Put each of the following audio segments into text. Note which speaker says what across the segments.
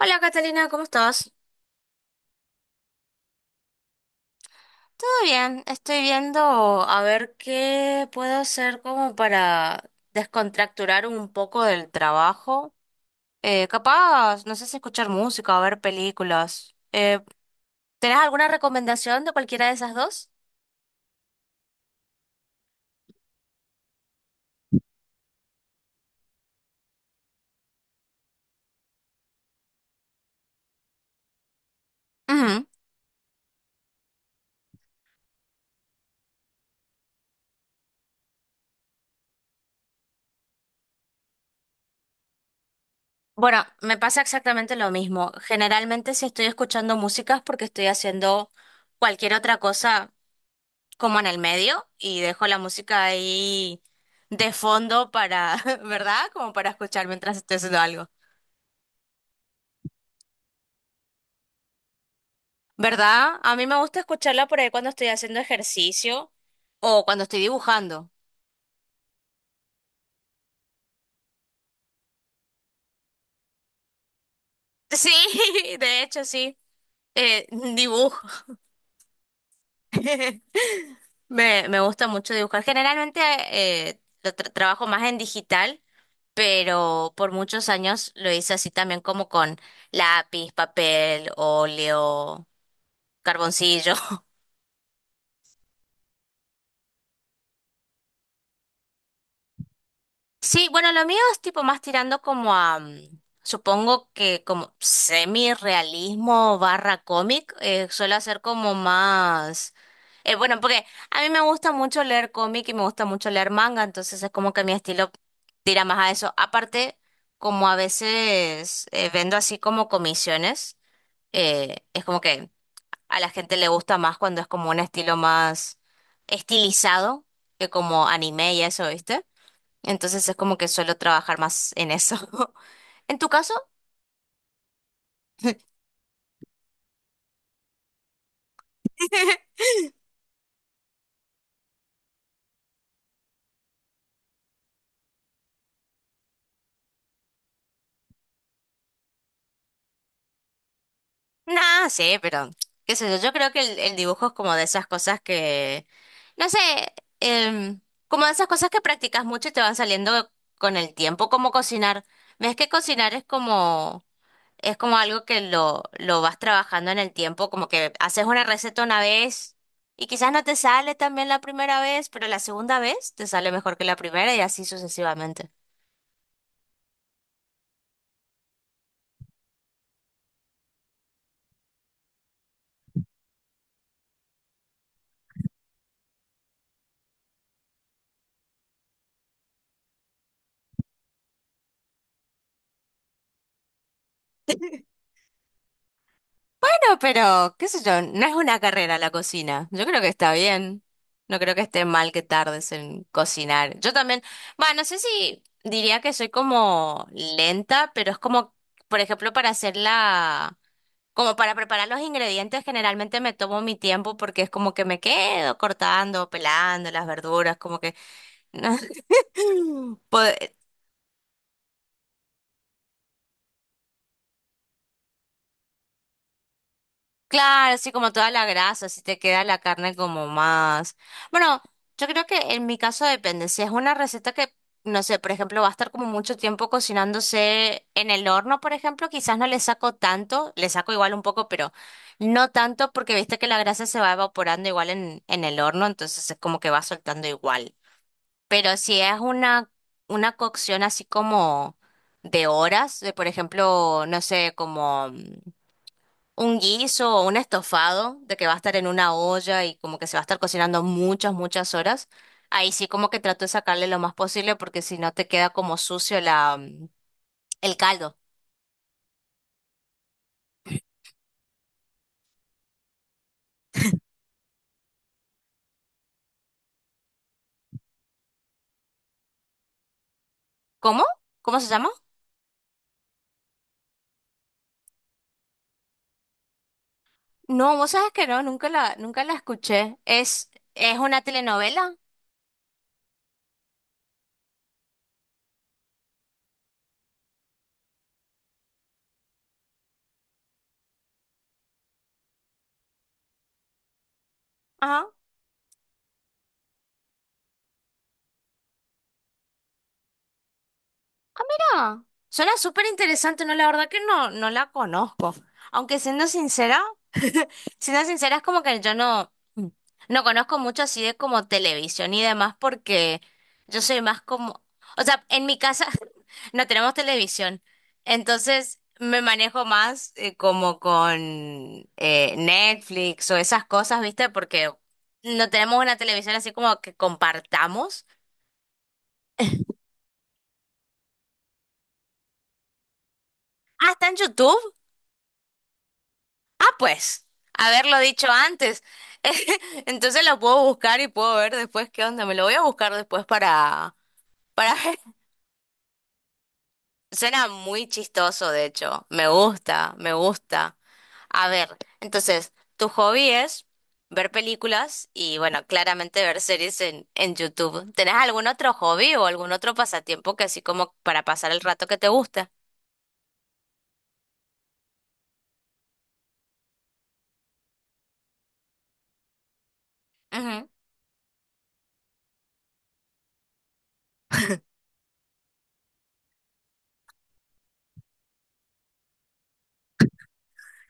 Speaker 1: Hola Catalina, ¿cómo estás? Todo bien, estoy viendo a ver qué puedo hacer como para descontracturar un poco del trabajo. Capaz, no sé si escuchar música o ver películas. ¿Tenés alguna recomendación de cualquiera de esas dos? Ujú. Bueno, me pasa exactamente lo mismo. Generalmente si estoy escuchando música es porque estoy haciendo cualquier otra cosa como en el medio y dejo la música ahí de fondo para, ¿verdad? Como para escuchar mientras estoy haciendo algo. ¿Verdad? A mí me gusta escucharla por ahí cuando estoy haciendo ejercicio o cuando estoy dibujando. Sí, de hecho sí. Eh, Dibujo. Me gusta mucho dibujar. Generalmente lo trabajo más en digital, pero por muchos años lo hice así también como con lápiz, papel, óleo, carboncillo. Sí, bueno, lo mío es tipo más tirando como a, supongo que como semi-realismo barra cómic, suelo hacer como más, bueno, porque a mí me gusta mucho leer cómic y me gusta mucho leer manga, entonces es como que mi estilo tira más a eso. Aparte, como a veces vendo así como comisiones, es como que a la gente le gusta más cuando es como un estilo más estilizado que como anime y eso, ¿viste? Entonces es como que suelo trabajar más en eso. ¿En tu caso? Nah, sí, pero qué sé yo, yo creo que el dibujo es como de esas cosas que, no sé, em, como de esas cosas que practicas mucho y te van saliendo con el tiempo, como cocinar. Ves que cocinar es como algo que lo vas trabajando en el tiempo, como que haces una receta una vez y quizás no te sale tan bien la primera vez, pero la segunda vez te sale mejor que la primera y así sucesivamente. Bueno, pero, qué sé yo, no es una carrera la cocina. Yo creo que está bien. No creo que esté mal que tardes en cocinar. Yo también, bueno, no sé si diría que soy como lenta, pero es como, por ejemplo, para hacer como para preparar los ingredientes, generalmente me tomo mi tiempo porque es como que me quedo cortando, pelando las verduras, como que... pod- Claro, así como toda la grasa, así te queda la carne como más. Bueno, yo creo que en mi caso depende. Si es una receta que, no sé, por ejemplo, va a estar como mucho tiempo cocinándose en el horno, por ejemplo, quizás no le saco tanto, le saco igual un poco, pero no tanto porque viste que la grasa se va evaporando igual en el horno, entonces es como que va soltando igual. Pero si es una cocción así como de horas, de por ejemplo, no sé, como un guiso o un estofado de que va a estar en una olla y como que se va a estar cocinando muchas, muchas horas, ahí sí como que trato de sacarle lo más posible porque si no te queda como sucio el caldo. ¿Cómo? ¿Cómo se llama? No, vos sabes que no, nunca la escuché. Es una telenovela. Ajá. Ah, suena súper interesante, no, la verdad que no, no la conozco. Aunque siendo sincera, siendo sincera es como que yo no, no conozco mucho así de como televisión y demás porque yo soy más como, o sea, en mi casa no tenemos televisión, entonces me manejo más como con Netflix o esas cosas, ¿viste? Porque no tenemos una televisión así como que compartamos. Ah, está en YouTube. Ah, pues, haberlo dicho antes. Entonces lo puedo buscar y puedo ver después qué onda. Me lo voy a buscar después para ver. Suena muy chistoso, de hecho. Me gusta, me gusta. A ver, entonces, tu hobby es ver películas y, bueno, claramente ver series en YouTube. ¿Tenés algún otro hobby o algún otro pasatiempo que así como para pasar el rato que te gusta?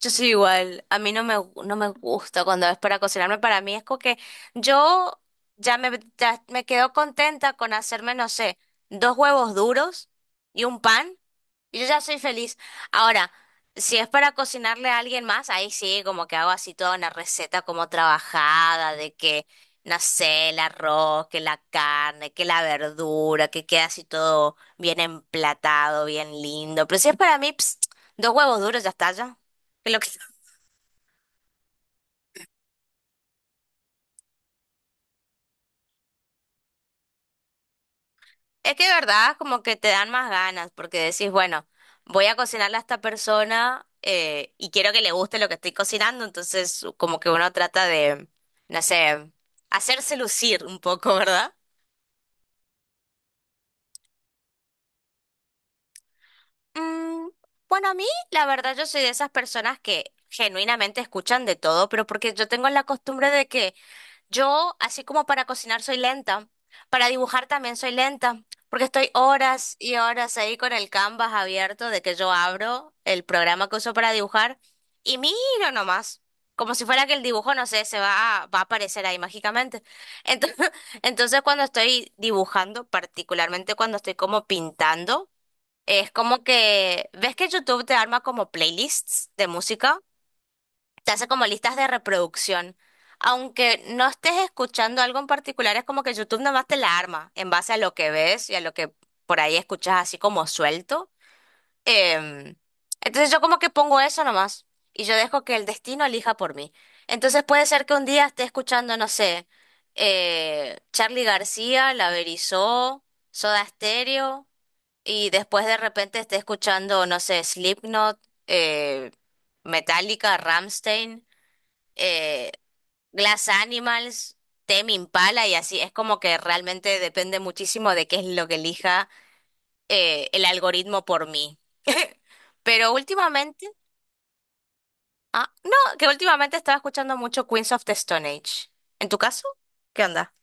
Speaker 1: Yo soy igual, a mí no no me gusta cuando es para cocinarme, para mí es como que yo ya me quedo contenta con hacerme, no sé, dos huevos duros y un pan, y yo ya soy feliz. Ahora, si es para cocinarle a alguien más, ahí sí, como que hago así toda una receta como trabajada, de que, no sé, el arroz, que la carne, que la verdura, que queda así todo bien emplatado, bien lindo, pero si es para mí, ps, dos huevos duros, ya está, ya. Lo que- es que de verdad como que te dan más ganas porque decís, bueno, voy a cocinarle a esta persona y quiero que le guste lo que estoy cocinando, entonces como que uno trata de, no sé, hacerse lucir un poco, ¿verdad? Mm, bueno, a mí la verdad yo soy de esas personas que genuinamente escuchan de todo, pero porque yo tengo la costumbre de que yo, así como para cocinar soy lenta, para dibujar también soy lenta, porque estoy horas y horas ahí con el Canvas abierto de que yo abro el programa que uso para dibujar y miro nomás, como si fuera que el dibujo, no sé, va a aparecer ahí mágicamente. Entonces, entonces cuando estoy dibujando, particularmente cuando estoy como pintando, es como que, ¿ves que YouTube te arma como playlists de música? Te hace como listas de reproducción. Aunque no estés escuchando algo en particular, es como que YouTube nada más te la arma en base a lo que ves y a lo que por ahí escuchas así como suelto. Em, entonces yo como que pongo eso nomás y yo dejo que el destino elija por mí. Entonces puede ser que un día esté escuchando, no sé, Charly García, La Berizó, Soda Stereo y después de repente esté escuchando, no sé, Slipknot, eh, Metallica, Rammstein eh, Glass Animals, Tame Impala y así. Es como que realmente depende muchísimo de qué es lo que elija el algoritmo por mí. Pero últimamente, ah, no, que últimamente estaba escuchando mucho Queens of the Stone Age. ¿En tu caso? ¿Qué onda?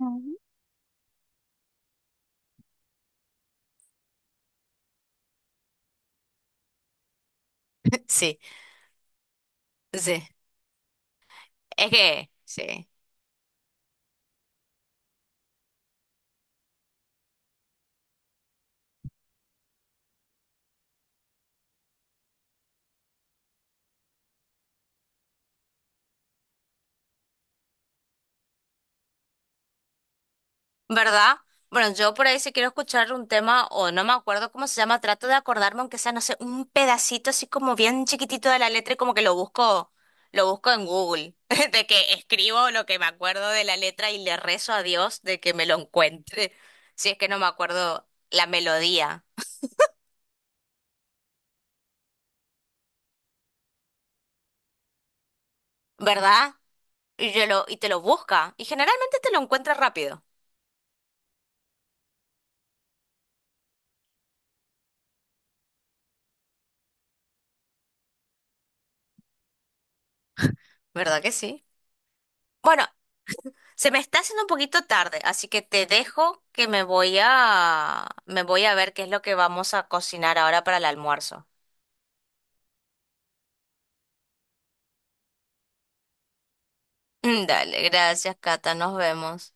Speaker 1: Mm. Sí, sí. Es que, sí. ¿Verdad? Bueno, yo por ahí si quiero escuchar un tema, o no me acuerdo cómo se llama, trato de acordarme, aunque sea, no sé, un pedacito así como bien chiquitito de la letra y como que lo busco en Google, de que escribo lo que me acuerdo de la letra y le rezo a Dios de que me lo encuentre, si es que no me acuerdo la melodía, ¿verdad? Y te lo busca, y generalmente te lo encuentra rápido, ¿verdad que sí? Bueno, se me está haciendo un poquito tarde, así que te dejo que me voy a ver qué es lo que vamos a cocinar ahora para el almuerzo. Dale, gracias, Cata, nos vemos.